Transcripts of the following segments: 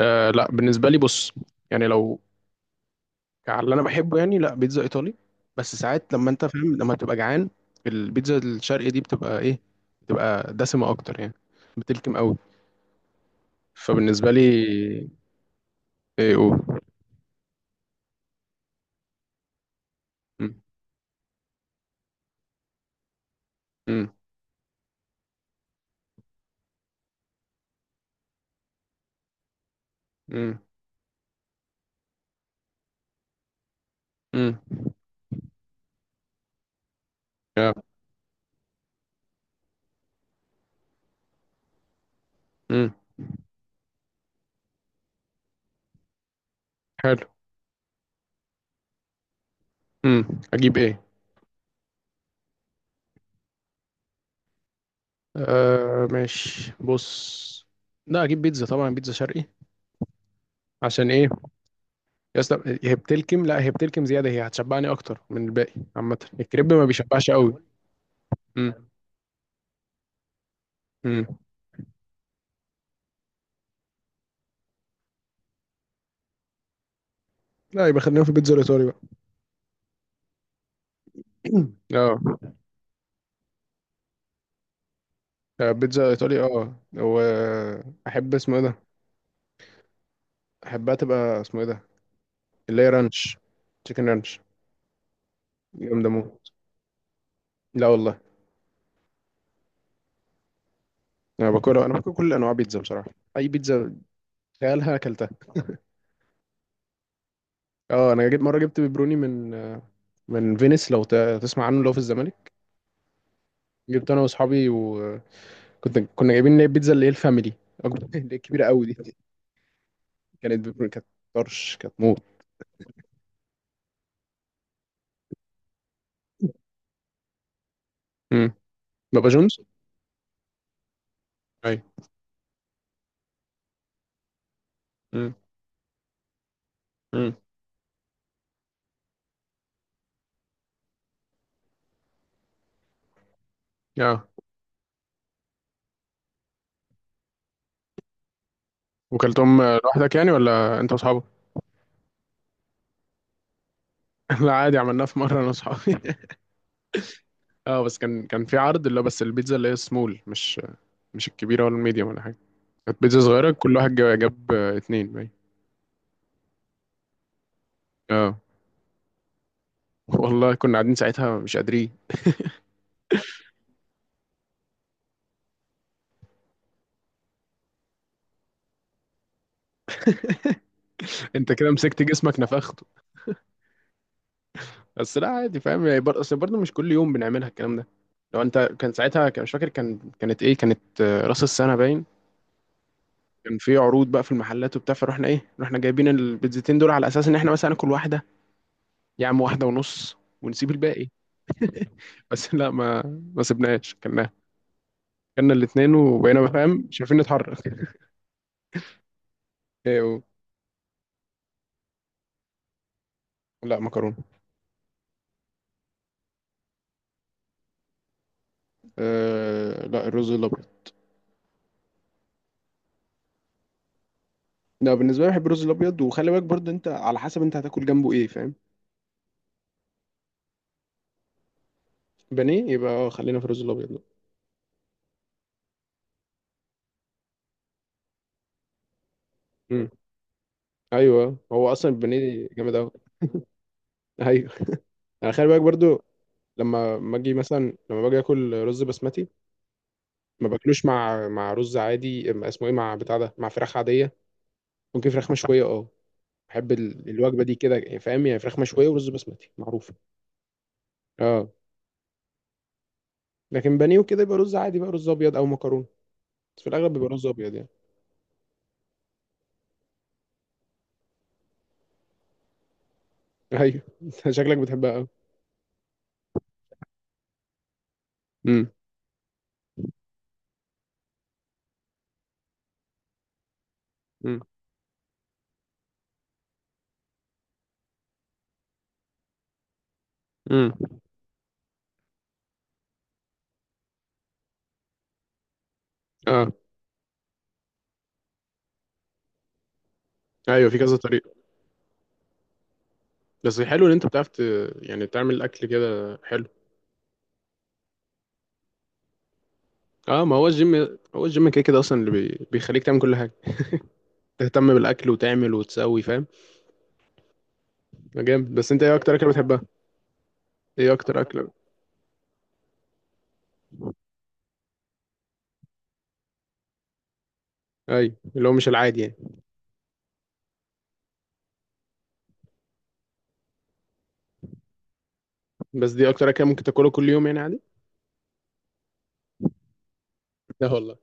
آه لا، بالنسبه لي بص، يعني لو على اللي انا بحبه، يعني لا بيتزا ايطالي. بس ساعات لما انت فاهم، لما تبقى جعان البيتزا الشرقي دي بتبقى ايه؟ بتبقى دسمه اكتر يعني، بتلكم قوي. فبالنسبه لي ايه او. مم، مم، مم، مم، يا، مم، حلو. مم، اجيب ايه؟ آه ماشي بص، لا اجيب بيتزا، طبعا بيتزا شرقي. عشان ايه؟ يا اسطى هي بتلكم، لا هي بتلكم زياده، هي هتشبعني اكتر من الباقي. عامه الكريب ما بيشبعش قوي. مم. مم. لا يبقى خلينا في البيتزا الايطالي بقى. اه، آه، بيتزا ايطالي اه. واحب اسمه ايه ده؟ احبها تبقى اسمه ايه ده، اللي هي رانش، تشيكن رانش. جامده موت، لا والله. انا باكلها، انا باكل كل انواع بيتزا بصراحه، اي بيتزا تخيلها اكلتها. اه انا جيت مره جبت بيبروني من من فينيس، لو تسمع عنه، لو في الزمالك. جبت انا واصحابي، وكنت كنا جايبين اللي هي البيتزا اللي هي الفاميلي، اللي هي الكبيره قوي دي. كانت بيبروني، كانت طرش، كانت موت. مم. بابا جونز، ايوه. مم. مم. اه، وكلتهم لوحدك يعني ولا انت واصحابك؟ لا عادي، عملناها في مره انا واصحابي. اه بس كان في عرض، اللي هو بس البيتزا اللي هي سمول، مش مش الكبيره ولا الميديوم ولا حاجه. كانت بيتزا صغيره، كل واحد جاب، اتنين باين. اه. والله كنا قاعدين ساعتها مش قادرين. انت كده مسكت جسمك نفخته. بس لا عادي فاهم يعني، اصل برضه مش كل يوم بنعملها الكلام ده. لو انت كان ساعتها، كان مش فاكر، كان كانت ايه؟ كانت آه، راس السنه باين. كان في عروض بقى في المحلات وبتاع، فروحنا ايه، رحنا جايبين البيتزتين دول على اساس ان احنا مثلا هناكل واحده، يا عم واحدة ونص، ونسيب الباقي. بس لا ما سبناش، كلناها. كلنا الاتنين وبقينا فاهم مش عارفين نتحرك. إيه لا مكرونة. أه لا، الرز الأبيض. لا بالنسبة لي بحب الرز الأبيض، وخلي بالك برضه أنت على حسب أنت هتاكل جنبه إيه فاهم. بانيه، يبقى آه، خلينا في الرز الأبيض ده. امم. أيوه هو أصلا البانيه جامد أوي. أيوه. أنا خلي بالك برضه، لما باجي اكل رز بسمتي، ما باكلوش مع مع رز عادي، اسمه ايه، مع بتاع ده، مع فراخ عاديه، ممكن فراخ مشويه اه. بحب الوجبه دي كده فاهم، يعني فراخ مشويه ورز بسمتي معروفه. اه. لكن بانيه وكده يبقى رز عادي بقى، رز ابيض او مكرونه. بس في الاغلب بيبقى رز ابيض يعني. ايوه. أنت شكلك بتحبها قوي. امم. امم. امم. اه. ايوه في كذا طريقه. بس حلو ان انت بتعرف يعني تعمل الاكل كده، حلو. اه ما هو الجيم، هو الجيم كده كده اصلا اللي بيخليك تعمل كل حاجه، تهتم بالاكل وتعمل وتسوي فاهم. آه، جامد. بس انت ايه اكتر اكله بتحبها؟ ايه اكتر اكله؟ ايوه اللي هو مش العادي يعني. بس دي اكتر اكله ممكن تاكلها كل يوم يعني عادي. لا والله.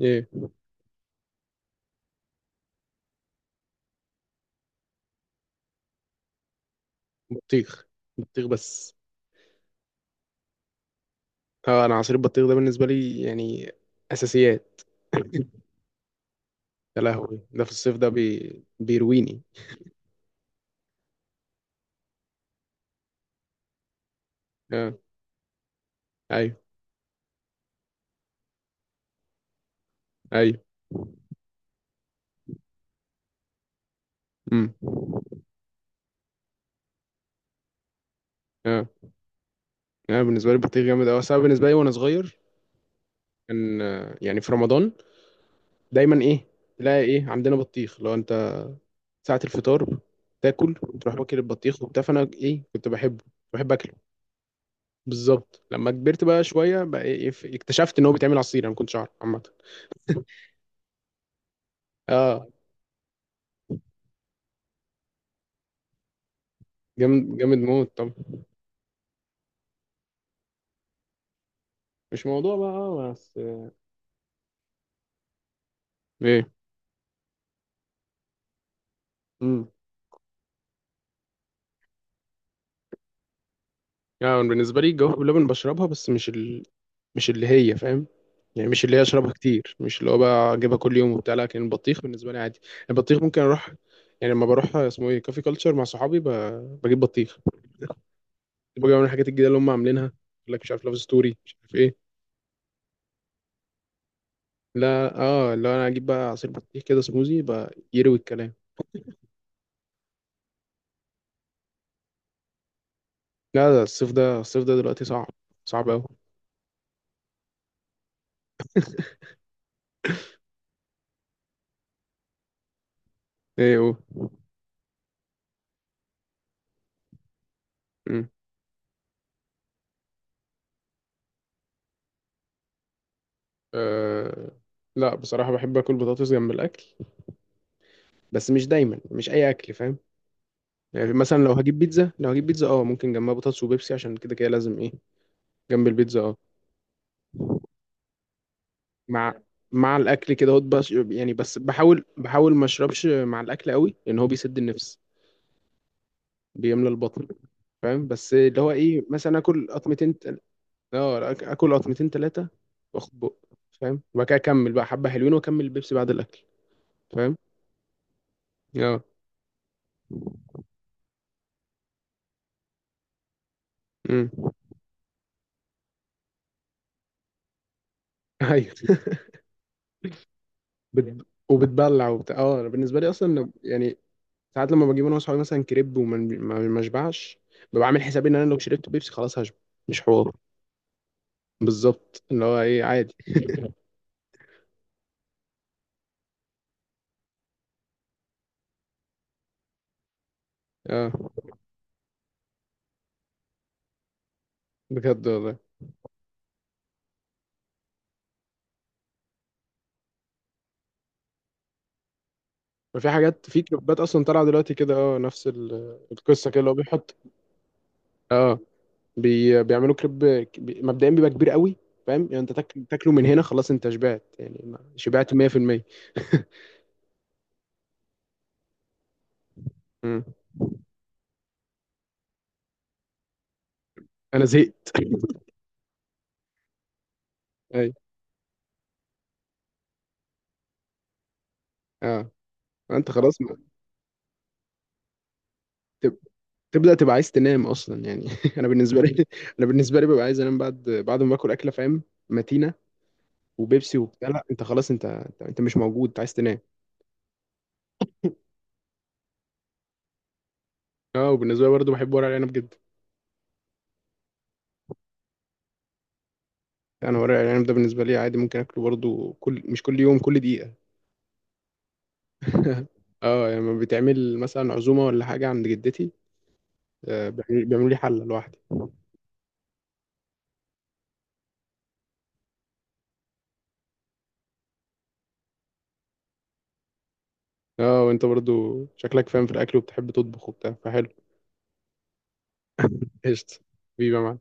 ايه؟ بطيخ. بطيخ بس. طبعا انا عصير البطيخ ده بالنسبه لي يعني اساسيات. يا لهوي، ده في الصيف ده بيرويني. اه. ايوه ايوه. امم. اه انا بالنسبه لي البطيخ جامد قوي. انا بالنسبه لي وانا صغير، كان آه، يعني في رمضان دايما ايه، تلاقي ايه، عندنا بطيخ، لو انت ساعه الفطار، تاكل وتروح واكل البطيخ وبتاع. فانا ايه، كنت بحبه، بحب اكله. بالظبط. لما كبرت بقى شويه بقى، إيه إيه، اكتشفت ان هو بيتعمل عصير، انا ما كنتش اعرف عامه. اه. جامد، جامد موت. طب مش موضوع بقى آه، بس. ايه. امم. يعني بالنسبه لي الجوافه باللبن بشربها، بس مش اللي هي فاهم، يعني مش اللي هي اشربها كتير، مش اللي هو بقى اجيبها كل يوم وبتاع. لكن البطيخ بالنسبه لي عادي، البطيخ ممكن اروح، يعني لما بروح اسمه ايه كافي كلتشر مع صحابي، بجيب بطيخ، بجيب من الحاجات الجديده اللي هم عاملينها، يقول لك مش عارف لاف ستوري مش عارف ايه. لا اه، اللي هو انا اجيب بقى عصير بطيخ كده، سموزي بقى يروي الكلام. لا ده الصيف، ده الصيف ده دلوقتي صعب، صعب قوي. ايه هو؟ أه لا بصراحة بحب أكل بطاطس جنب الأكل، بس مش دايما، مش أي أكل فاهم. يعني مثلا لو هجيب بيتزا، لو هجيب بيتزا أه ممكن جنبها بطاطس وبيبسي، عشان كده كده لازم إيه جنب البيتزا، أه. مع مع الأكل كده هوت، بس يعني بس بحاول، بحاول ما أشربش مع الأكل قوي، لأن هو بيسد النفس، بيملى البطن فاهم. بس اللي هو إيه مثلا، آكل قطمتين أه، آكل قطمتين تلاتة، وآخد بق فاهم، وبعد كده أكمل بقى حبة حلوين، وأكمل البيبسي بعد الأكل فاهم. أه. أمم. أيوه. وبتبلع وبتاع، اه انا بالنسبه لي اصلا يعني ساعات لما بجيب انا واصحابي مثلا كريب، وما ما ما اشبعش، ببقى عامل حسابي ان انا لو شربت بيبسي خلاص هشبع، مش حوار. بالظبط اللي هو ايه، عادي. اه. بجد والله. ففي حاجات في كريبات اصلا طالعه دلوقتي كده، اه نفس القصه كده، اللي هو بيحط اه، بيعملوا كريب، مبدئيا بيبقى كبير قوي، فاهم يعني انت تاكل تاكله من هنا، خلاص انت شبعت يعني، شبعت 100%. مم. انا زهقت. اي، اه. انت خلاص. تب- تبدأ تبقى عايز تنام أصلا يعني. أنا بالنسبة لي، أنا بالنسبة لي ببقى عايز أنام بعد، بعد ما باكل أكلة فاهم، متينة، وبيبسي وبتاع، لا أنت خلاص، أنت مش موجود، أنت عايز تنام. أه وبالنسبة لي برضه بحب ورق العنب جدا. أنا ورق العنب ده بالنسبة لي عادي، ممكن أكله برضه، كل مش كل يوم، كل دقيقة. أه يعني لما بتعمل مثلا عزومة ولا حاجة عند جدتي، آه، بيعملوا لي حلة لوحدي. أه وأنت برضه شكلك فاهم في الأكل، وبتحب تطبخ وبتاع فحلو. قشطة، بيبقى معاك.